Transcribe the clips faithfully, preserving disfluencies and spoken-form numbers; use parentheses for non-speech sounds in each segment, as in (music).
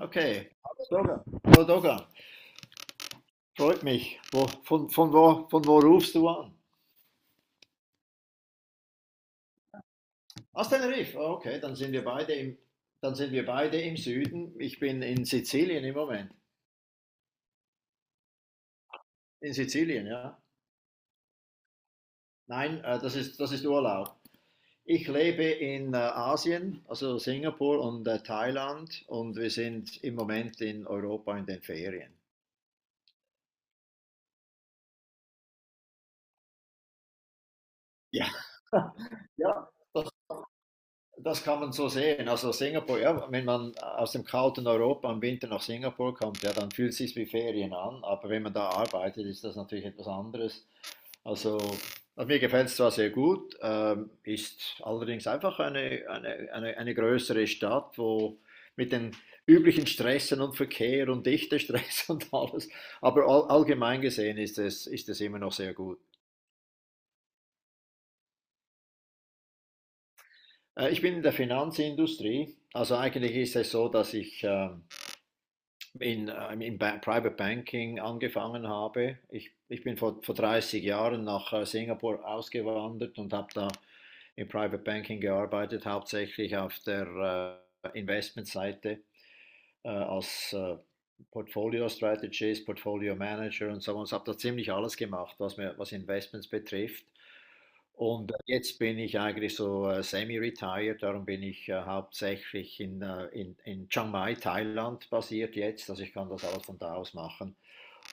Okay, Doga. Hallo Doga, freut mich. Wo, von, von, wo, von wo rufst du an? Aus Tenerife. Oh, okay, dann sind wir beide im, dann sind wir beide im Süden. Ich bin in Sizilien im Moment. In Sizilien, ja. Nein, äh, das ist, das ist Urlaub. Ich lebe in äh, Asien, also Singapur und äh, Thailand, und wir sind im Moment in Europa in den Ferien. Ja, ja, das kann man so sehen. Also Singapur, ja, wenn man aus dem kalten Europa im Winter nach Singapur kommt, ja, dann fühlt es sich wie Ferien an. Aber wenn man da arbeitet, ist das natürlich etwas anderes. Also, also mir gefällt es zwar sehr gut, ähm, ist allerdings einfach eine, eine, eine, eine größere Stadt, wo mit den üblichen Stressen und Verkehr und Dichtestress (laughs) und alles. Aber all, allgemein gesehen ist es, ist es immer noch sehr gut. Äh, ich bin in der Finanzindustrie. Also eigentlich ist es so, dass ich ähm, in, im ba Private Banking angefangen habe. Ich, ich bin vor, vor dreißig Jahren nach äh, Singapur ausgewandert und habe da im Private Banking gearbeitet, hauptsächlich auf der äh, Investmentseite äh, als äh, Portfolio Strategist, Portfolio Manager und so was. Habe da ziemlich alles gemacht, was mir, was Investments betrifft. Und äh, jetzt bin ich eigentlich so äh, semi-retired, darum bin ich äh, hauptsächlich in, äh, in, in Chiang Mai, Thailand basiert jetzt, also ich kann das alles von da aus machen.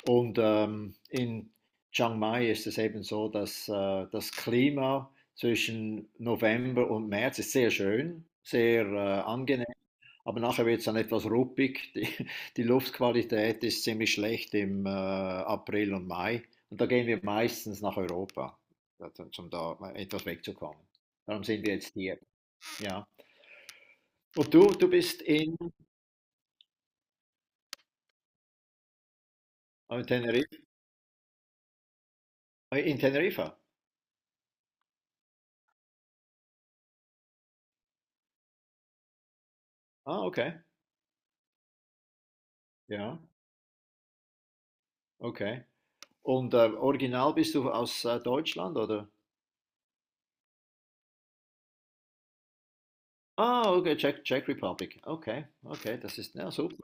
Und ähm, in Chiang Mai ist es eben so, dass äh, das Klima zwischen November und März ist sehr schön, sehr äh, angenehm. Aber nachher wird es dann etwas ruppig. (laughs) Die, die Luftqualität ist ziemlich schlecht im äh, April und Mai. Und da gehen wir meistens nach Europa, also, um da etwas wegzukommen. Darum sind wir jetzt hier. Ja. Und du, du bist in, äh, Teneriffa? In Teneriffa? Ah, okay. Ja, okay. Und äh, original bist du aus äh, Deutschland, oder? Ah, okay, Czech, Czech Republic. Okay, okay, das ist, ja, super.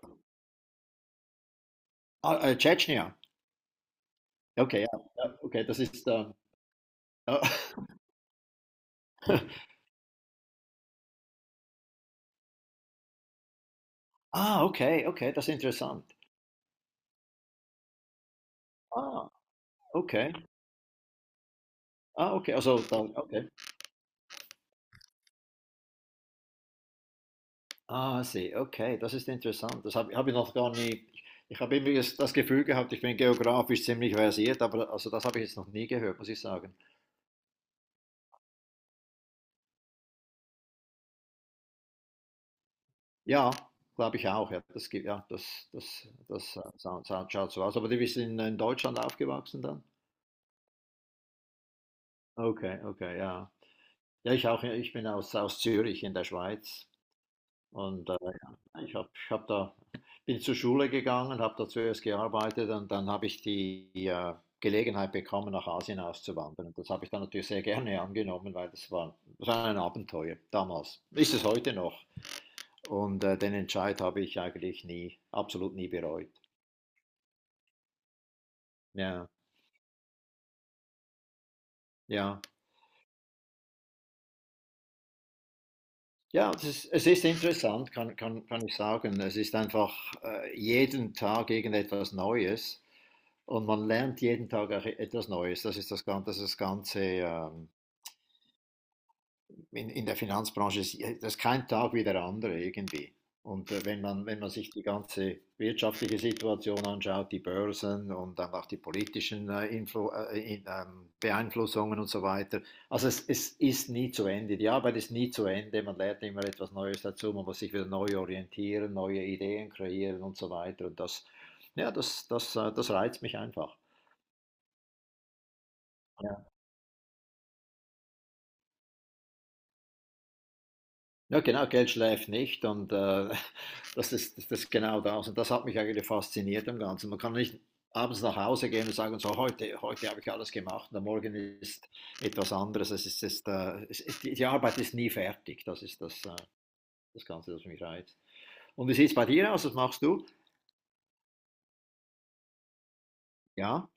Ah, äh, Tschetschenien. Okay, ja, ja, okay, das ist, ähm, ja. (laughs) Ah, okay, okay, das ist interessant. Ah, okay. Ah, okay, also dann, okay. Ah, sie, okay, das ist interessant. Das habe hab ich noch gar nie. Ich habe irgendwie das das Gefühl gehabt, ich bin geografisch ziemlich versiert, aber also das habe ich jetzt noch nie gehört, muss ich sagen. Ja, glaube ich auch. Ja, das gibt, ja, das, das, das äh, sah- sah- schaut so aus. Aber die bist in, in Deutschland aufgewachsen dann? Okay, okay, ja. Ja, ich auch. Ja, ich bin aus, aus Zürich in der Schweiz. Und äh, ja, ich habe ich hab da, bin zur Schule gegangen, habe da zuerst gearbeitet und dann habe ich die äh, Gelegenheit bekommen, nach Asien auszuwandern. Und das habe ich dann natürlich sehr gerne angenommen, weil das war, das war ein Abenteuer damals. Ist es heute noch. Und äh, den Entscheid habe ich eigentlich nie, absolut nie bereut. Ja, ja. Ja, das ist, es ist interessant, kann, kann, kann ich sagen. Es ist einfach äh, jeden Tag irgendetwas Neues. Und man lernt jeden Tag auch e-, etwas Neues. Das ist das Ganze, das, ist das Ganze ähm, in, in der Finanzbranche, ist, äh, das ist kein Tag wie der andere irgendwie. Und äh, wenn man, wenn man sich die ganze wirtschaftliche Situation anschaut, die Börsen und dann auch die politischen äh, Influ äh, in, ähm, Beeinflussungen und so weiter, also es, es ist nie zu Ende. Die Arbeit ist nie zu Ende. Man lernt immer etwas Neues dazu. Man muss sich wieder neu orientieren, neue Ideen kreieren und so weiter. Und das, ja, das, das, äh, das reizt mich einfach. Ja, genau, Geld schläft nicht und äh, (laughs) das ist, das ist genau das. Und das hat mich eigentlich fasziniert am Ganzen. Man kann nicht abends nach Hause gehen und sagen, so heute, heute habe ich alles gemacht und am Morgen ist etwas anderes. Es ist, es ist, äh, es ist, die die Arbeit ist nie fertig. Das ist das, äh, das Ganze, das mich reizt. Und wie sieht es bei dir aus? Was machst du? Ja,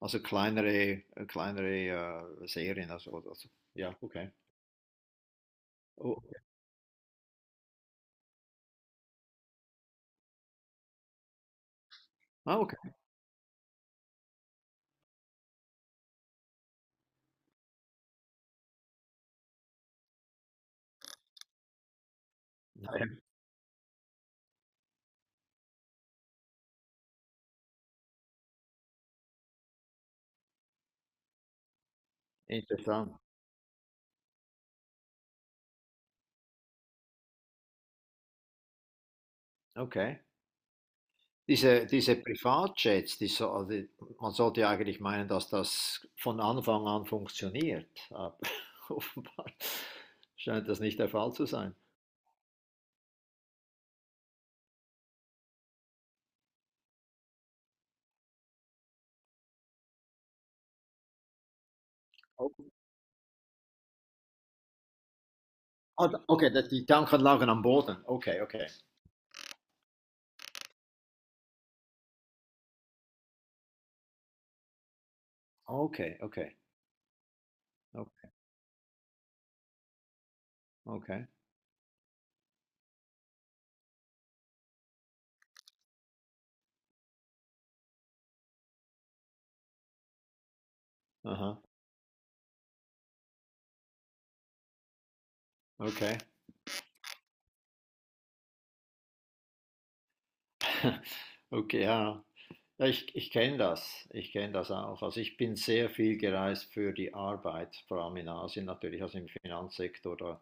also kleinere, äh, kleinere äh, Serien. Also, also, ja, okay. Oh, ah, okay. Ja, ja. Interessant. Okay. Diese, diese Privatjets, die so, also man sollte ja eigentlich meinen, dass das von Anfang an funktioniert, aber (laughs) offenbar scheint das nicht der Fall zu sein. Oh, ah, okay, da- die Tanken lagen am Boden. Okay, okay. Okay, okay. o- Okay. Aha. Okay. (laughs) Okay, ja. Ja, ich ich kenne das. Ich kenne das auch. Also ich bin sehr viel gereist für die Arbeit, vor allem in Asien natürlich, also im Finanzsektor. Da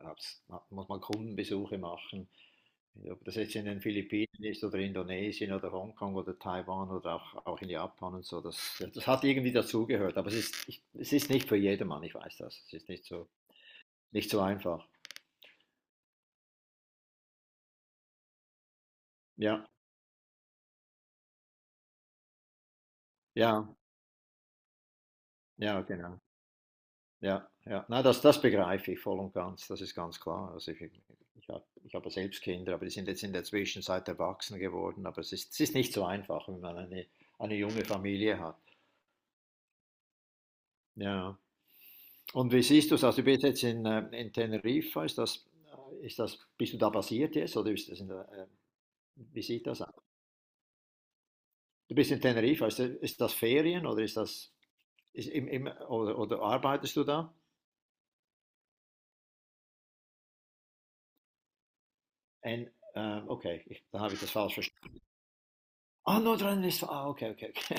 äh, hab's, muss man Kundenbesuche machen. Ob das jetzt in den Philippinen ist oder Indonesien oder Hongkong oder Taiwan oder auch, auch in Japan und so, das, das hat irgendwie dazugehört. Aber es ist, ich, es ist nicht für jedermann, ich weiß das. Es ist nicht so, nicht so einfach. Ja, ja, ja, genau. Ja, ja. Na, das, das begreife ich voll und ganz, das ist ganz klar. Also ich, ich habe ich habe selbst Kinder, aber die sind jetzt in der Zwischenzeit erwachsen geworden. Aber es ist, es ist nicht so einfach, wenn man eine, eine junge Familie hat. Ja. Und wie siehst du es? Also du bist jetzt in, äh, in Teneriffa, ist das, äh, ist das, bist du da basiert jetzt oder ist das in der, äh, wie sieht das aus? Du bist in Teneriffa, ist das, ist das Ferien oder ist das ist im, im, oder, oder arbeitest du da? Ein- ähm, okay, ich, dann habe ich das falsch verstanden. Ah, Nordrhein-Westfalen, ah, okay, okay, okay.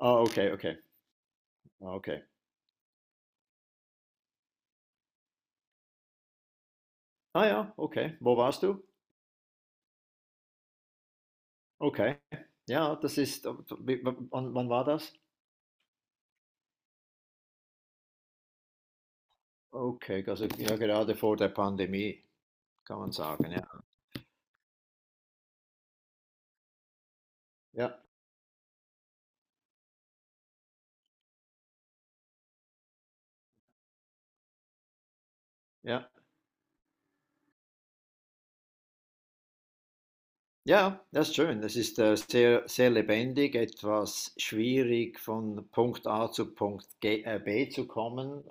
Ah, okay, okay. Ah, okay. Ah ja, okay. Wo warst du? Okay. Ja, das ist, wie- wann, wann war das? Okay, also ja, gerade vor der Pandemie, kann man sagen, ja. Ja, ja. Ja, das ist schön. Das ist äh, sehr, sehr lebendig, etwas schwierig von Punkt A zu Punkt G, äh, B zu kommen, äh,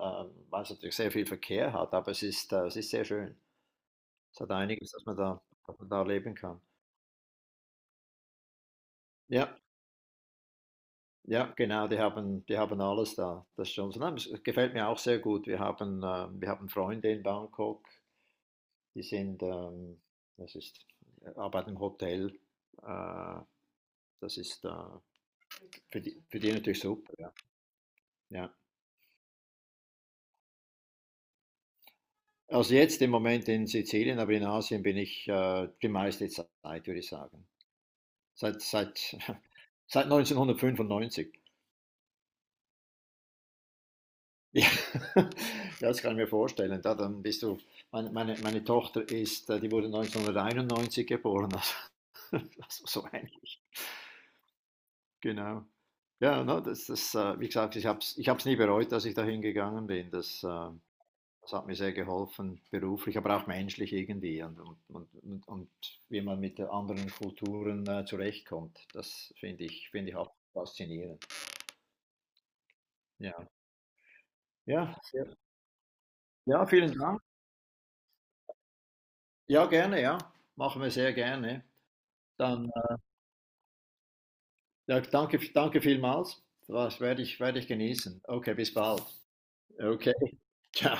weil es natürlich sehr viel Verkehr hat, aber es ist, äh, es ist sehr schön. Es hat einiges, dass man da, dass man da leben kann. Ja. Ja, genau, die haben, die haben alles da. Das ist schon so. Nein, es gefällt mir auch sehr gut. Wir haben, ähm, wir haben Freunde in Bangkok, die sind, ähm, das ist, äh, arbeiten im Hotel. Äh, das ist äh, Für die, für die natürlich super. Ja. Ja. Also jetzt im Moment in Sizilien, aber in Asien bin ich äh, die meiste Zeit, würde ich sagen. Seit, seit, (laughs) seit neunzehnhundertfünfundneunzig. Ja, (laughs) das kann ich mir vorstellen. Da, dann bist du, meine, meine, meine Tochter ist, äh, die wurde neunzehnhunderteinundneunzig geboren, also, (laughs) also so ähnlich, genau. Ja, no, das, das, äh, wie gesagt, ich habe es ich hab's nie bereut, dass ich dahin gegangen bin. Das, äh, das hat mir sehr geholfen, beruflich, aber auch menschlich irgendwie und, und, und, und, und wie man mit anderen Kulturen äh, zurechtkommt. Das finde ich, finde ich auch faszinierend. Ja, ja, sehr- ja, vielen Dank. Ja, gerne, ja, machen wir sehr gerne. Dann ja, danke, danke vielmals. Das werde ich, werde ich genießen. Okay, bis bald. Okay, (laughs) ciao.